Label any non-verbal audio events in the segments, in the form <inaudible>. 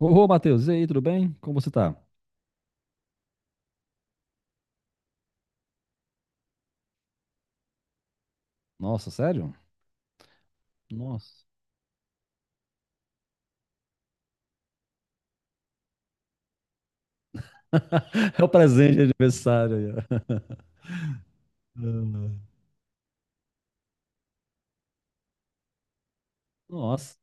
Ô, Matheus, e aí, tudo bem? Como você tá? Nossa, sério? Nossa. <laughs> É o presente de aniversário. Aí, ó. <laughs> Nossa,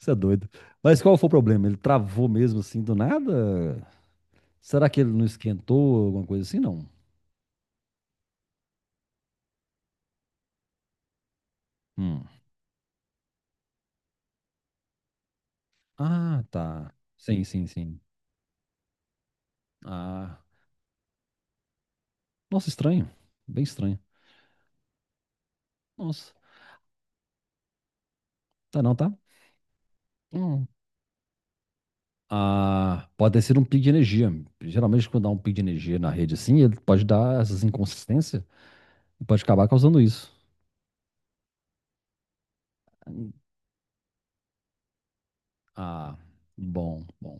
isso é doido. Mas qual foi o problema? Ele travou mesmo assim do nada? Será que ele não esquentou alguma coisa assim, não? Hum. Ah, tá. Sim, sim, sim. Ah. Nossa, estranho. Bem estranho. Nossa. Tá não, tá? Hum. Ah, pode ter sido um pico de energia. Geralmente, quando dá um pico de energia na rede assim, ele pode dar essas inconsistências e pode acabar causando isso. Ah, bom, bom.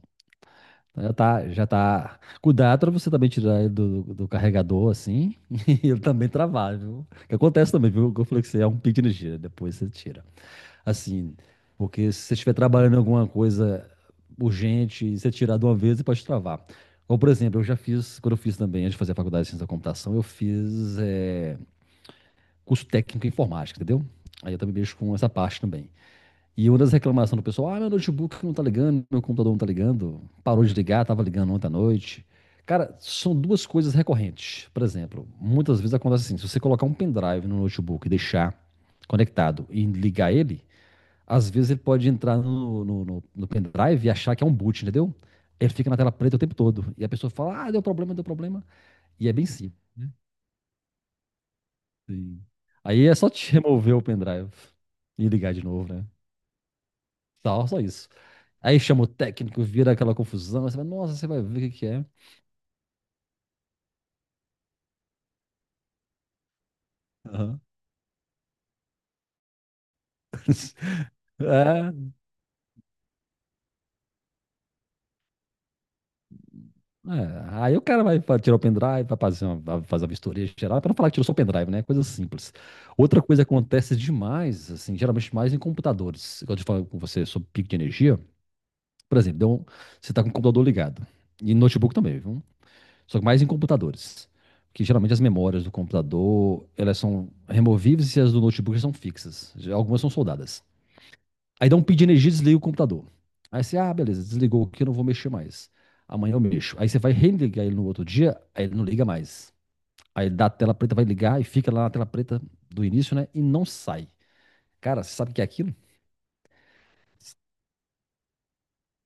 Já tá, já tá. Cuidado pra você também tirar ele do carregador assim <laughs> e ele também travar, viu? Que acontece também, viu? Que eu falei que você é um pico de energia, depois você tira. Assim, porque se você estiver trabalhando em alguma coisa urgente e você tirar de uma vez, você pode travar. Ou, por exemplo, eu já fiz, quando eu fiz também, antes de fazer a faculdade de ciência da computação, eu fiz curso técnico em informática, entendeu? Aí eu também mexo com essa parte também. E uma das reclamações do pessoal, ah, meu notebook não tá ligando, meu computador não tá ligando, parou de ligar, tava ligando ontem à noite. Cara, são duas coisas recorrentes. Por exemplo, muitas vezes acontece assim, se você colocar um pendrive no notebook e deixar conectado e ligar ele, às vezes ele pode entrar no pendrive e achar que é um boot, entendeu? Ele fica na tela preta o tempo todo. E a pessoa fala, ah, deu problema, deu problema. E é bem simples. Aí é só te <laughs> remover o pendrive e ligar de novo, né? Tal só isso. Aí chama o técnico, vira aquela confusão. Aí você vai, nossa, você vai ver o que que é. Aham. <laughs> É, é. Aí o cara vai tirar o pendrive, vai fazer a vistoria geral, para não falar que tirou só o pendrive, né? Coisa simples. Outra coisa que acontece demais, assim, geralmente mais em computadores. Quando eu falo com você sobre pico de energia, por exemplo, você está com o computador ligado, e notebook também, viu? Só que mais em computadores. Que geralmente as memórias do computador, elas são removíveis e as do notebook são fixas. Já algumas são soldadas. Aí dá um pico de energia, desliga o computador. Aí você, ah, beleza, desligou aqui, eu não vou mexer mais. Amanhã eu mexo. Aí você vai religar ele no outro dia, aí ele não liga mais. Aí ele dá a tela preta, vai ligar e fica lá na tela preta do início, né? E não sai. Cara, você sabe o que é aquilo?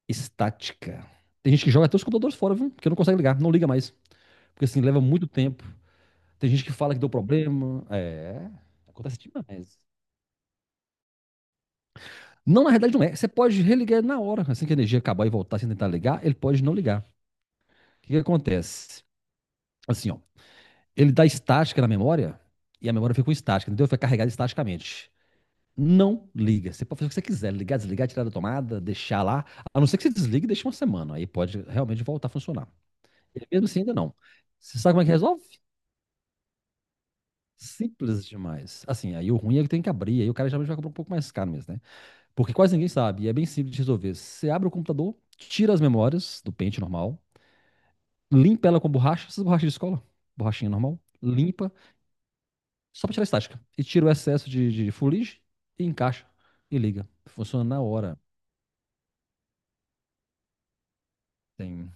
Estática. Tem gente que joga até os computadores fora, viu? Porque não consegue ligar, não liga mais. Porque assim, leva muito tempo. Tem gente que fala que deu problema. É, acontece demais. Não, na realidade não é. Você pode religar ele na hora. Assim que a energia acabar e voltar sem tentar ligar, ele pode não ligar. O que que acontece? Assim, ó. Ele dá estática na memória e a memória fica com estática, entendeu? Fica carregada estaticamente. Não liga. Você pode fazer o que você quiser, ligar, desligar, tirar da tomada, deixar lá. A não ser que você desligue e deixe uma semana. Aí pode realmente voltar a funcionar. E mesmo assim, ainda não. Você sabe como é que resolve? Simples demais. Assim, aí o ruim é que tem que abrir, aí o cara geralmente vai comprar um pouco mais caro mesmo, né? Porque quase ninguém sabe, e é bem simples de resolver. Você abre o computador, tira as memórias do pente normal, limpa ela com borracha, essas borrachas de escola, borrachinha normal, limpa. Só para tirar a estática. E tira o excesso de fuligem e encaixa e liga. Funciona na hora. Sem,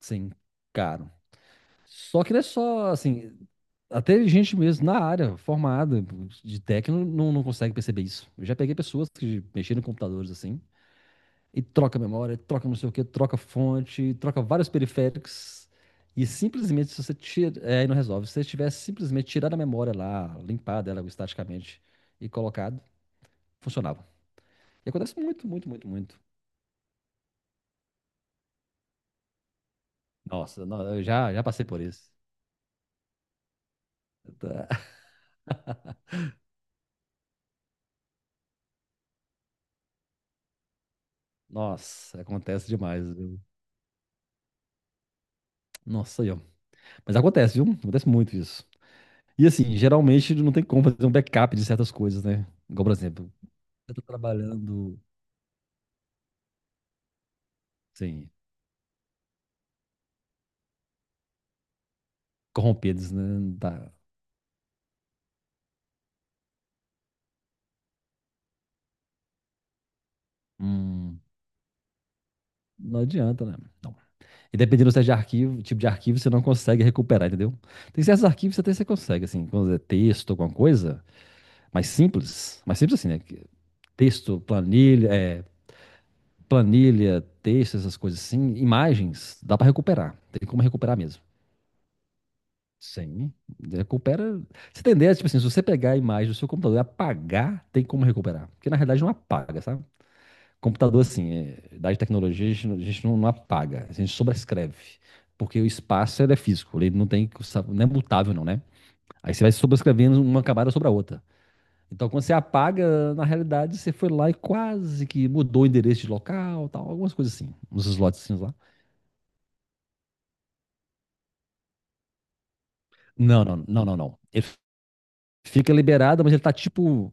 sem caro. Só que não é só, assim, até gente mesmo na área, formada de técnico, não, não consegue perceber isso. Eu já peguei pessoas que mexeram em computadores assim, e troca memória, troca não sei o que, troca fonte, troca vários periféricos. E simplesmente, se você tira, é, aí não resolve. Se você tivesse simplesmente tirado a memória lá, limpado ela estaticamente e colocado, funcionava. E acontece muito, muito, muito, muito. Nossa, não, eu já passei por isso. Tá. Nossa, acontece demais, viu? Nossa, aí, ó. Mas acontece, viu? Acontece muito isso. E assim, geralmente não tem como fazer um backup de certas coisas, né? Igual, por exemplo, eu tô trabalhando, Sim. Corrompidos, né? Não dá. Hum, não adianta, né? Não. E dependendo do tipo de arquivo, você não consegue recuperar, entendeu? Tem certos arquivos que até você consegue, assim, quando é texto, alguma coisa, mais simples assim, né? Texto, planilha, planilha, texto, essas coisas assim, imagens, dá pra recuperar. Tem como recuperar mesmo. Sim, recupera. Se tem ideia, tipo assim, se você pegar a imagem do seu computador e apagar, tem como recuperar. Porque na realidade não apaga, sabe? Computador, assim, é, idade tecnologia, a gente não, não apaga, a gente sobrescreve. Porque o espaço ele é físico, ele não tem, não é mutável, não, né? Aí você vai sobrescrevendo uma camada sobre a outra. Então, quando você apaga, na realidade, você foi lá e quase que mudou o endereço de local, tal, algumas coisas assim, uns slots lá. Não, não, não, não, não. Ele fica liberado, mas ele tá tipo.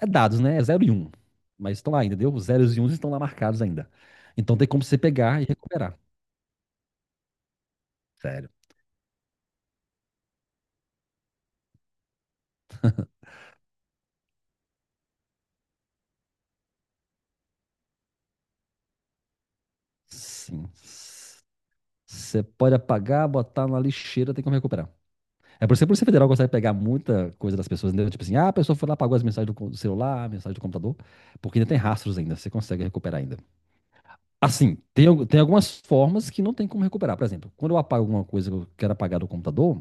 É dados, né? É 0 e um. Mas estão lá ainda, entendeu? Os zeros e uns estão lá marcados ainda. Então tem como você pegar e recuperar. Sério. Sim. Você pode apagar, botar na lixeira, tem como recuperar. É por isso que a Polícia Federal consegue pegar muita coisa das pessoas, entendeu? Tipo assim, ah, a pessoa foi lá, apagou as mensagens do celular, a mensagem do computador, porque ainda tem rastros ainda, você consegue recuperar ainda. Assim, tem algumas formas que não tem como recuperar. Por exemplo, quando eu apago alguma coisa que eu quero apagar do computador.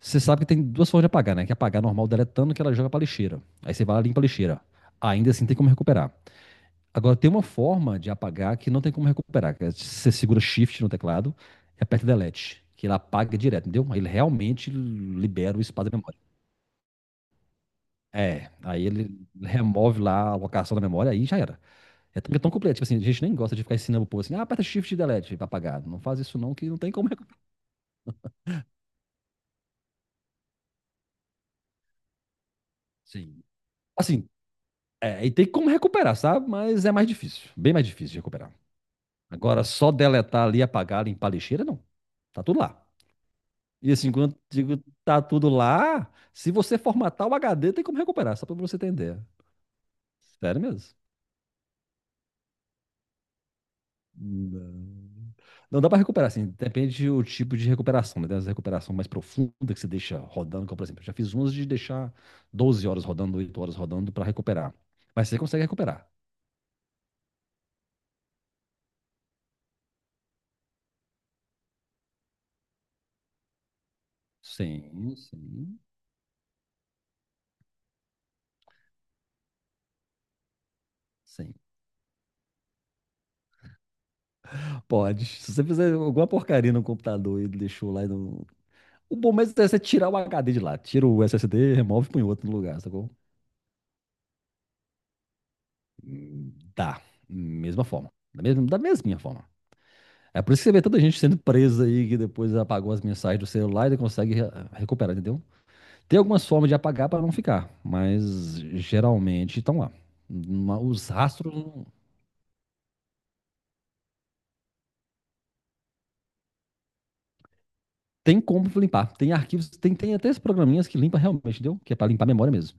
Você sabe que tem duas formas de apagar, né? Que é apagar normal deletando, que ela joga pra lixeira. Aí você vai lá e limpa a lixeira. Ainda assim tem como recuperar. Agora, tem uma forma de apagar que não tem como recuperar. Que é você segura Shift no teclado e aperta Delete. Que ele apaga direto, entendeu? Aí ele realmente libera o espaço da memória. É, aí ele remove lá a alocação da memória, aí já era. É tão completo. Tipo assim, a gente nem gosta de ficar ensinando o povo assim, ah, aperta Shift e Delete pra apagar. Não faz isso não, que não tem como recuperar. Sim. Assim, e tem como recuperar, sabe? Mas é mais difícil. Bem mais difícil de recuperar. Agora, só deletar ali, apagar, limpar a lixeira, não. Tá tudo lá. E assim, quando eu digo tá tudo lá, se você formatar o HD, tem como recuperar, só pra você entender. Sério mesmo. Não, não dá pra recuperar, assim, depende do tipo de recuperação, né? Tem as recuperações mais profundas que você deixa rodando, como por exemplo, eu já fiz umas de deixar 12 horas rodando, 8 horas rodando pra recuperar. Mas você consegue recuperar. Sim, sim, sim. Pode. Se você fizer alguma porcaria no computador e deixou lá e não. O bom mesmo é você tirar o HD de lá. Tira o SSD, remove e põe outro no lugar, sacou? Tá. Mesma forma. Da mesminha forma. É por isso que você vê tanta gente sendo presa aí que depois apagou as mensagens do celular e consegue recuperar, entendeu? Tem algumas formas de apagar para não ficar, mas geralmente estão lá. Os rastros tem como limpar. Tem arquivos, tem até esses programinhas que limpa realmente, entendeu? Que é para limpar a memória mesmo.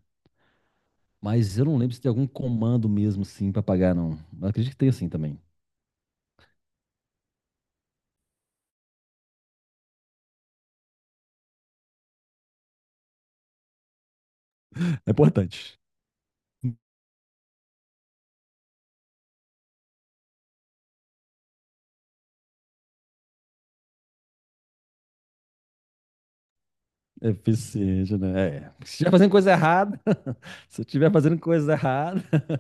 Mas eu não lembro se tem algum comando mesmo sim para apagar, não. Mas acredito que tem assim também. É importante. É eficiente, né? É. Se estiver fazendo coisa errada, <laughs> se estiver fazendo coisa errada, <laughs>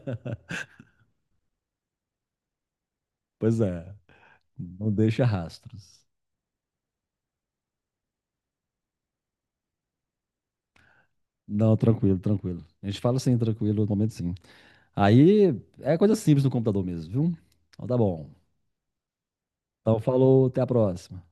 pois é, não deixa rastros. Não, tranquilo, tranquilo. A gente fala assim, tranquilo, no momento sim. Aí é coisa simples no computador mesmo, viu? Então tá bom. Então falou, até a próxima.